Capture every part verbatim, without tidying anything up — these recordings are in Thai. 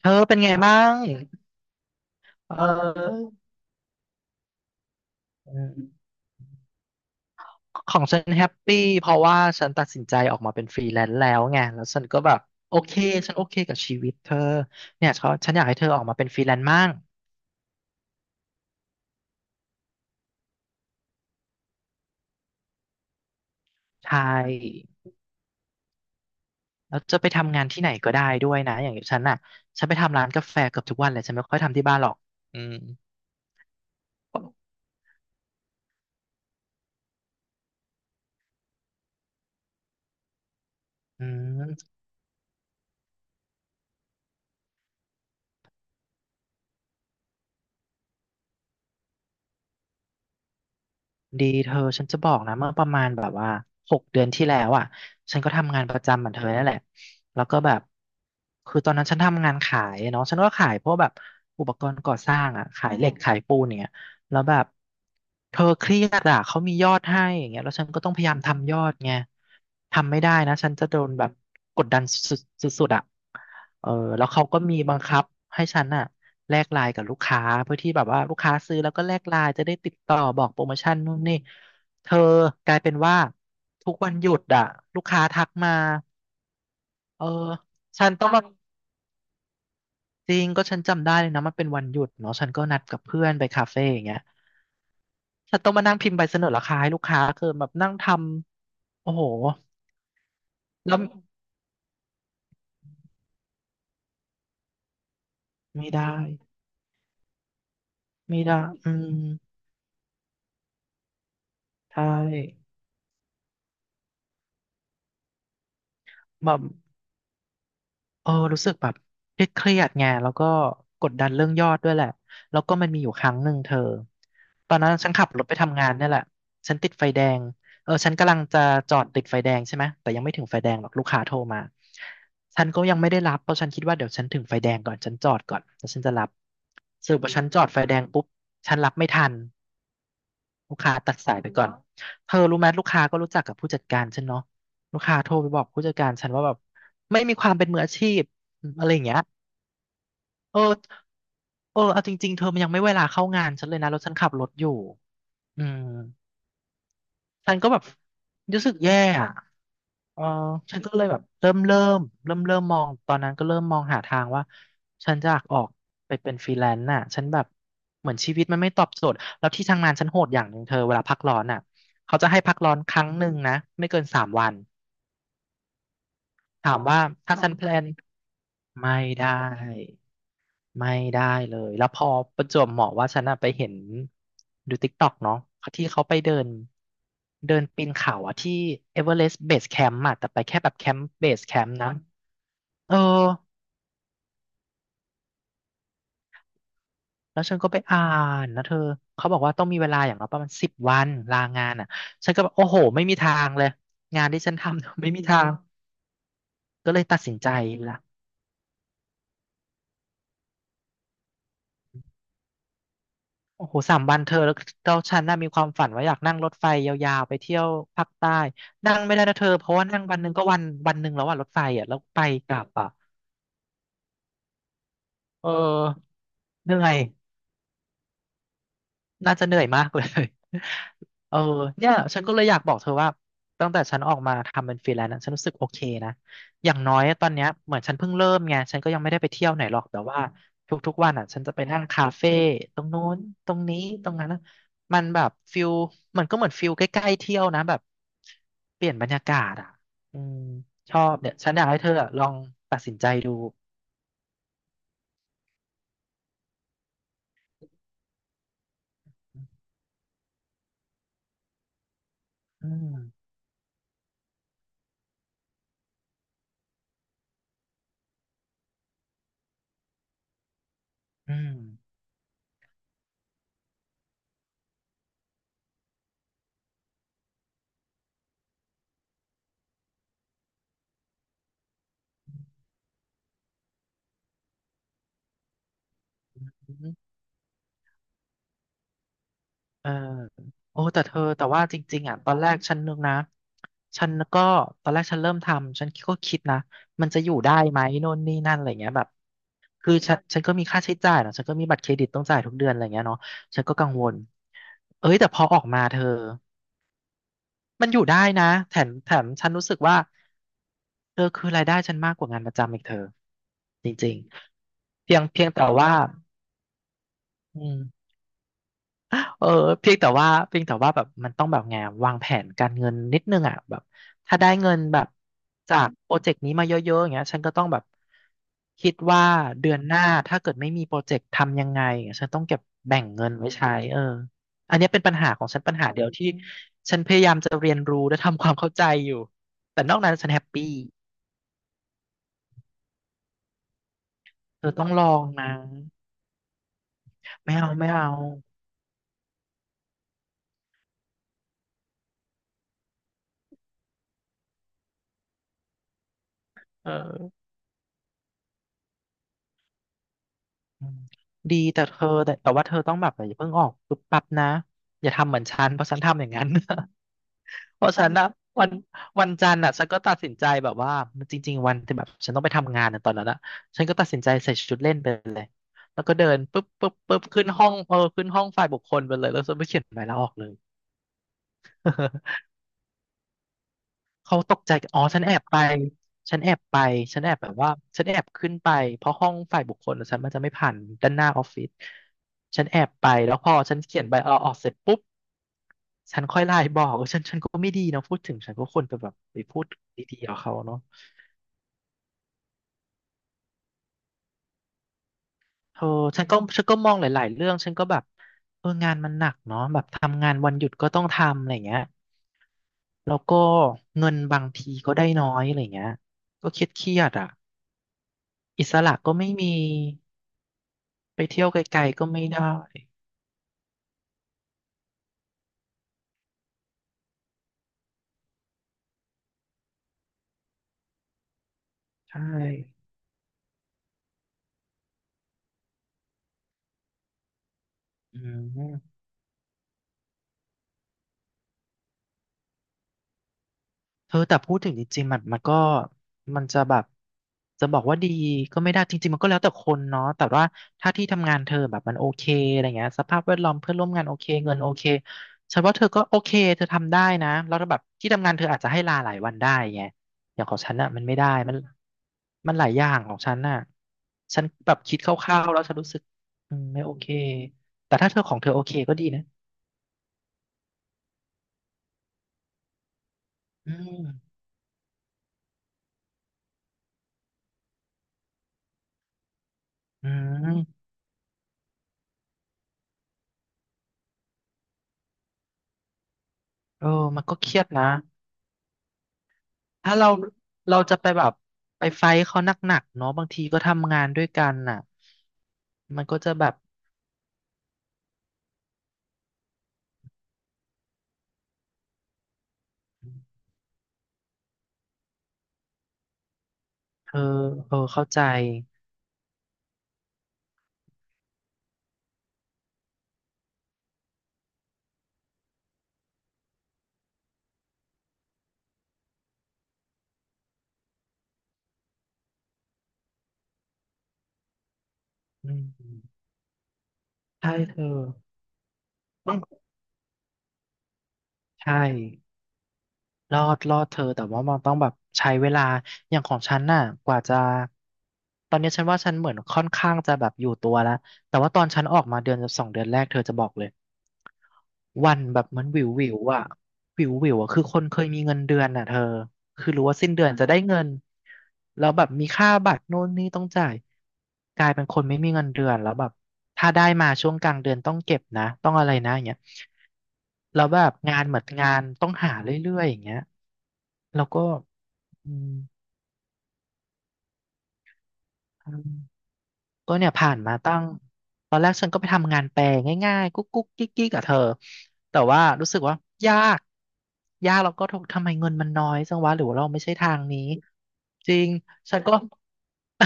เธอเป็นไงบ้างเอออืมของฉันแฮปปี้เพราะว่าฉันตัดสินใจออกมาเป็นฟรีแลนซ์แล้วไงแล้วฉันก็แบบโอเคฉันโอเคกับชีวิตเธอเนี่ยเขาฉันอยากให้เธอออกมาเป็นฟรีแลนซ์มั่งใช่แล้วจะไปทำงานที่ไหนก็ได้ด้วยนะอย่างฉันน่ะฉันไปทำร้านกาแฟเกือบทุกวันเลยฉันไม่ค่อยทำที่บ้านหรอกอืมอืม ดีเธอฉันจะบอกนะเมื่อประมาณแบบว่าหกเดือนที่แล้วอ่ะฉันก็ทำงานประจำเหมือนเธอนั่นแหละแล้วก็แบบคือตอนนั้นฉันทำงานขายเนาะฉันก็ขายพวกแบบอุปกรณ์ก่อสร้างอ่ะขายเหล็ก แล้วแบบเธอเครียดอ่ะเขามียอดให้อย่างเงี้ยแล้วฉันก็ต้องพยายามทำยอดไงทำไม่ได้นะฉันจะโดนแบบกดดันสุดๆสุดๆอ่ะเออแล้วเขาก็มีบังคับให้ฉันอ่ะแลกไลน์กับลูกค้าเพื่อที่แบบว่าลูกค้าซื้อแล้วก็แลกไลน์จะได้ติดต่อบอกโปรโมชั่นนู่นนี่เธอกลายเป็นว่าทุกวันหยุดอ่ะลูกค้าทักมาเออฉันต้องมา จริงก็ฉันจำได้เลยนะมันเป็นวันหยุดเนาะฉันก็นัดกับเพื่อนไปคาเฟ่อย่างเงี้ยฉันต้องมานั่งพิมพ์ใบเสนอราคาให้ลูกค้าคือแบบนั่งทำโอ้โหแล้วไม่ได้ไม่ได้อืมใช่แบบ เออรู้สึกแบบเครียดๆไงแล้วก็กดดันเรื่องยอดด้วยแหละ แล้วก็มันมีอยู่ครั้งหนึ่งเธอตอนนั้นฉันขับรถไปทำงานเนี่ยแหละฉันติดไฟแดงเออฉันกำลังจะจอดติดไฟแดงใช่ไหมแต่ยังไม่ถึงไฟแดงหรอกลูกค้าโทรมาฉันก็ยังไม่ได้รับเพราะฉันคิดว่าเดี๋ยวฉันถึงไฟแดงก่อนฉันจอดก่อนแล้วฉันจะรับสรุปว่าฉันจอดไฟแดงปุ๊บฉันรับไม่ทัน ลูกค้าตัดสายไปก่อน เธอรู้ไหมลูกค้าก็รู้จักกับผู้จัดการฉันเนาะ ลูกค้าโทรไปบอกผู้จัดการฉันว่าแบบไม่มีความเป็นมืออาชีพอะไรอย่างเงี้ยเออเออเอาจริงๆเธอมันยังไม่เวลาเข้างานฉันเลยนะแล้วฉันขับรถอยู่อืมฉันก็แบบรู้สึกแย่อะ เออฉันก็เลยแบบเริ่มเริ่มเริ่มเริ่มมองตอนนั้นก็เริ่มมองหาทางว่าฉันจะอยากออกไปเป็นฟรีแลนซ์น่ะฉันแบบเหมือนชีวิตมันไม่ตอบโจทย์แล้วที่ทำงานฉันโหดอย่างหนึ่งเธอเวลาพักร้อนน่ะเขาจะให้พักร้อนครั้งหนึ่งนะไม่เกินสามวันถามว่าถ้าฉันแพลนไม่ได้ไม่ได้เลยแล้วพอประจวบเหมาะว่าฉันน่ะไปเห็นดูติ๊กต็อกเนาะที่เขาไปเดินเดินปีนเขาอะที่เอเวอเรสต์เบสแคมป์อะแต่ไปแค่แบบแคมป์เบสแคมป์นะ เออแล้วฉันก็ไปอ่านนะเธอเขาบอกว่าต้องมีเวลาอย่างน้อยประมาณสิบวันลางานอ่ะฉันก็แบบโอ้โหไม่มีทางเลยงานที่ฉันทำ ไม่มีทางก็เลยตัดสินใจละโอ้โหสามวันเธอแล้วเราฉันน่ะมีความฝันว่าอยากนั่งรถไฟยาวๆไปเที่ยวภาคใต้นั่งไม่ได้นะเธอเพราะว่านั่งวันหนึ่งก็วันวันหนึ่งแล้วอ่ะรถไฟอ่ะแล้วไปกลับอ่ะเออเหนื่อย น่าจะเหนื่อยมากเลย เออเนี่ยฉันก็เลยอยากบอกเธอว่าตั้งแต่ฉันออกมาทำเป็นฟรีแลนซ์อะฉันรู้สึกโอเคนะอย่างน้อยตอนเนี้ยเหมือนฉันเพิ่งเริ่มไงฉันก็ยังไม่ได้ไปเที่ยวไหนหรอกแต่ว่าทุกๆวันอ่ะฉันจะไปนั่งคาเฟ่ตรงนู้นตรงนี้ตรงนั้นนะมันแบบฟิลมันก็เหมือนฟิลใกล้ๆเที่ยวนะแบบเปลี่ยนบรรยากาศอ่ะอืมชอบเนี่ยฉันอยากให้เธออะลองตัดสินใจดูอืมอืม เออโอ้แต่เธอแต่ว่าจริงๆอ่ะตอนแรกฉันนึกนะฉันก็ตอนแรกฉันเริ่มทำฉันก็คิดนะมันจะอยู่ได้ไหมโน่นนี่นั่นอะไรเงี้ยแบบคือฉันฉันก็มีค่าใช้จ่ายเนอะฉันก็มีบัตรเครดิตต้องจ่ายทุกเดือนอะไรเงี้ยเนาะฉันก็กังวลเอ้ยแต่พอออกมาเธอมันอยู่ได้นะแถมแถมฉันรู้สึกว่าเธอคือรายได้ฉันมากกว่างานประจำอีกเธอจริงๆเพียงเพียงแต่ว่าอืม เออเพียงแต่ว่าเพียงแต่ว่าแบบมันต้องแบบไงวางแผนการเงินนิดนึงอ่ะแบบถ้าได้เงินแบบจากโปรเจกต์นี้มาเยอะๆอย่างเงี้ยฉันก็ต้องแบบคิดว่าเดือนหน้าถ้าเกิดไม่มีโปรเจกต์ทำยังไงอย่างเงี้ยฉันต้องเก็บแบ่งเงินไว้ใช้เอออันเนี้ยเป็นปัญหาของฉันปัญหาเดียวที่ฉันพยายามจะเรียนรู้และทำความเข้าใจอยู่แต่นอกนั้นฉันแฮปปี้เธอต้องลองนะไม่เอาไม่เอาเออ อืมดีแต่เธอแต่แต่ว่าเธอต้องแบบอย่าเพิ่งออกปุ๊บปั๊บนะอย่าทำเหมือนฉันเพราะฉันทำอย่างนั้น เพราะฉันนะวันวันจันทร์อ่ะฉันก็ตัดสินใจแบบว่าจริงๆวันที่แบบฉันต้องไปทำงานในะตอนนั้นอ่ะฉันก็ตัดสินใจใส่ชุดเล่นไปเลยแล้วก็เดินปุ๊บปุ๊บปุ๊บขึ้นห้องเออขึ้นห้องฝ่ายบุคคลไปเลยแล้วฉันไปเขียนใบลาออกเลย เขาตกใจอ๋อฉันแอบไปฉันแอบไปฉันแอบแบบว่าฉันแอบขึ้นไปเพราะห้องฝ่ายบุคคลอะฉันมันจะไม่ผ่านด้านหน้าออฟฟิศฉันแอบไปแล้วพอฉันเขียนใบลาออกเสร็จปุ๊บฉันค่อยไลน์บอกเออฉันฉันก็ไม่ดีนะพูดถึงฉันก็ควรจะแบบไปพูดดีๆกับเขาเนาะเออฉันก็ฉันก็มองหลายๆเรื่องฉันก็แบบเอองานมันหนักเนาะแบบทำงานวันหยุดก็ต้องทำอะไรเงี้ยแล้วก็เงินบางทีก็ได้น้อยอะไรเงี้ยก็เครียดๆอ่ะอิสระก็ไม่มี ไปเที่ยวไกลๆก็ไม่ได้ใช่อืมเธอแต่พูดถึงจริงๆมันมันก็มันจะแบบจะบอกว่าดีก็ไม่ได้จริงๆมันก็แล้วแต่คนเนาะแต่ว่าถ้าที่ทำงานเธอแบบมันโอเคอะไรเงี้ยสภาพแวดล้อมเพื่อนร่วมงานโอเคเงินโอเคฉันว่าเธอก็โอเคเธอทำได้นะแล้วแบบที่ทำงานเธออาจจะให้ลาหลายวันได้ไงอย่างของฉันน่ะมันไม่ได้มันมันหลายอย่างของฉันน่ะฉันแบบคิดคร่าวๆแล้วฉันรู้สึกอืมไม่โอเคแต่ถ้าเธอของเธอโอเคก็ดีนะอืม อืมเออมันก็เครียดนะ ถ้าเราเราจะไปแบบไปไฟท์เขาหนักๆเนาะบางทีก็ทำงานด้วยกันน่ะมันก็จะแบบเออเออเข้าใจอืมใช่เธอต้องใช่ รอดรอดเธอแต่ว่ามันต้องแบบใช้เวลาอย่างของฉันน่ะกว่าจะตอนนี้ฉันว่าฉันเหมือนค่อนข้างจะแบบอยู่ตัวแล้วแต่ว่าตอนฉันออกมาเดือนสองเดือนแรกเธอจะบอกเลยวันแบบเหมันวิววิวอ่ะวิววิวอ่ะคือคนเคยมีเงินเดือนน่ะเธอ คือรู้ว่าสิ้นเดือนจะได้เงินแล้วแบบมีค่าบัตรโน่นนี่ต้องจ่ายกลายเป็นคนไม่มีเงินเดือนแล้วแบบถ้าได้มาช่วงกลางเดือนต้องเก็บนะต้องอะไรนะอย่างเงี้ยแล้วแบบงานเหมือนงานต้องหาเรื่อยๆอย่างเงี้ยแล้วก็อืมก็เนี่ยผ่านมาตั้งตอนแรกฉันก็ไปทำงานแปลง่ายๆกุ๊กกุ๊กกิ๊กกิ๊กกับเธอแต่ว่ารู้สึกว่ายากยากแล้วก็ทำไมเงินมันน้อยจังวะหรือว่าเราไม่ใช่ทางนี้จริงฉันก็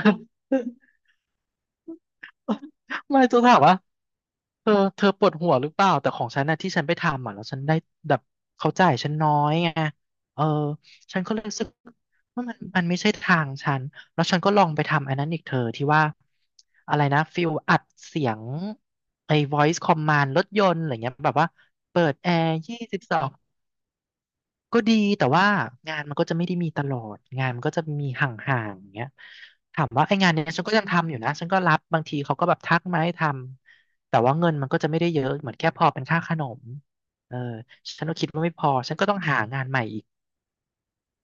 ไม่จะถามว่าเธอเธอปวดหัวหรือเปล่าแต่ของฉันนะที่ฉันไปทำอ่ะแล้วฉันได้แบบเขาจ่ายฉันน้อยไงเออฉันก็เลยรู้สึกว่ามันมันไม่ใช่ทางฉันแล้วฉันก็ลองไปทำอันนั้นอีกเธอที่ว่าอะไรนะฟิลอัดเสียงไอ้ voice command รถยนต์อะไรเงี้ยแบบว่าเปิดแอร์ยี่สิบสอง ก็ดีแต่ว่างานมันก็จะไม่ได้มีตลอดงานมันก็จะมีห่างๆอย่างเงี้ยถามว่าไอ้งานเนี้ยฉันก็ยังทำอยู่นะฉันก็รับบางทีเขาก็แบบทักมาให้ทำแต่ว่าเงินมันก็จะไม่ได้เยอะเหมือนแค่พอเป็นค่าขนมเออฉันก็คิดว่าไม่พอฉันก็ต้องหางานใหม่อีก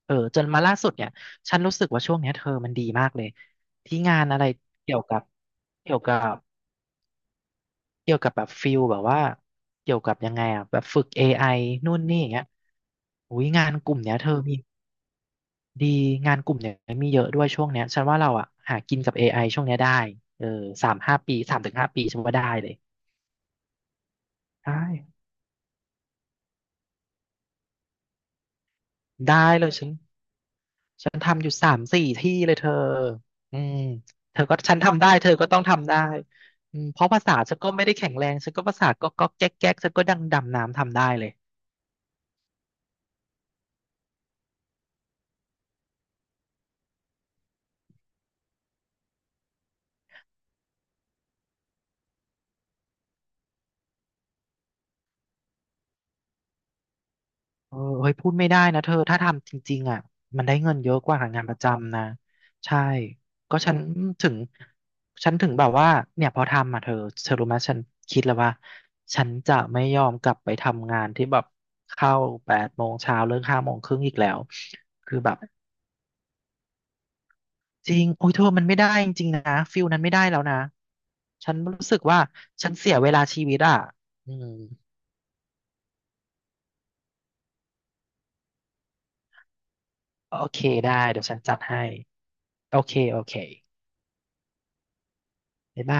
เออจนมาล่าสุดเนี่ยฉันรู้สึกว่าช่วงเนี้ยเธอมันดีมากเลยที่งานอะไรเกี่ยวกับเกี่ยวกับเกี่ยวกับแบบฟิลแบบว่าเกี่ยวกับยังไงอ่ะแบบฝึก a อไอนู่นนี่อย่างเงี้ยอุ้ยงานกลุ่มเนี้ยเธอมี ดีงานกลุ่มเนี่ยมีเยอะด้วยช่วงเนี้ยฉันว่าเราอ่ะหากินกับ เอ ไอ ช่วงเนี้ยได้เออสามห้าปีสามถึงห้าปีฉันว่าได้เลยได้ได้เลยฉันฉันทำอยู่สามสี่ที่เลยเธออืมเธอก็ฉันทำได้เธอก็ต้องทำได้อืมเพราะภาษาฉันก็ไม่ได้แข็งแรงฉันก็ภาษาก็ก็แก๊กแก๊กฉันก็ดังดำน้ำทำได้เลย เออเฮ้ยพูดไม่ได้นะเธอถ้าทำจริงๆอ่ะมันได้เงินเยอะกว่าหางานประจำนะใช่ก็ฉันถึงฉันถึงแบบว่าเนี่ยพอทำอ่ะเธอเธอรู้ไหมฉันคิดแล้วว่าฉันจะไม่ยอมกลับไปทำงานที่แบบเข้าแปดโมงเช้าเลิกห้าโมงครึ่งอีกแล้วคือแบบจริงโอ้ยเธอมันไม่ได้จริงๆนะฟิลนั้นไม่ได้แล้วนะฉันรู้สึกว่าฉันเสียเวลาชีวิตอ่ะอืมโอเคได้เดี๋ยวฉันจัดให้โอเคโอเคบ๊ายบาย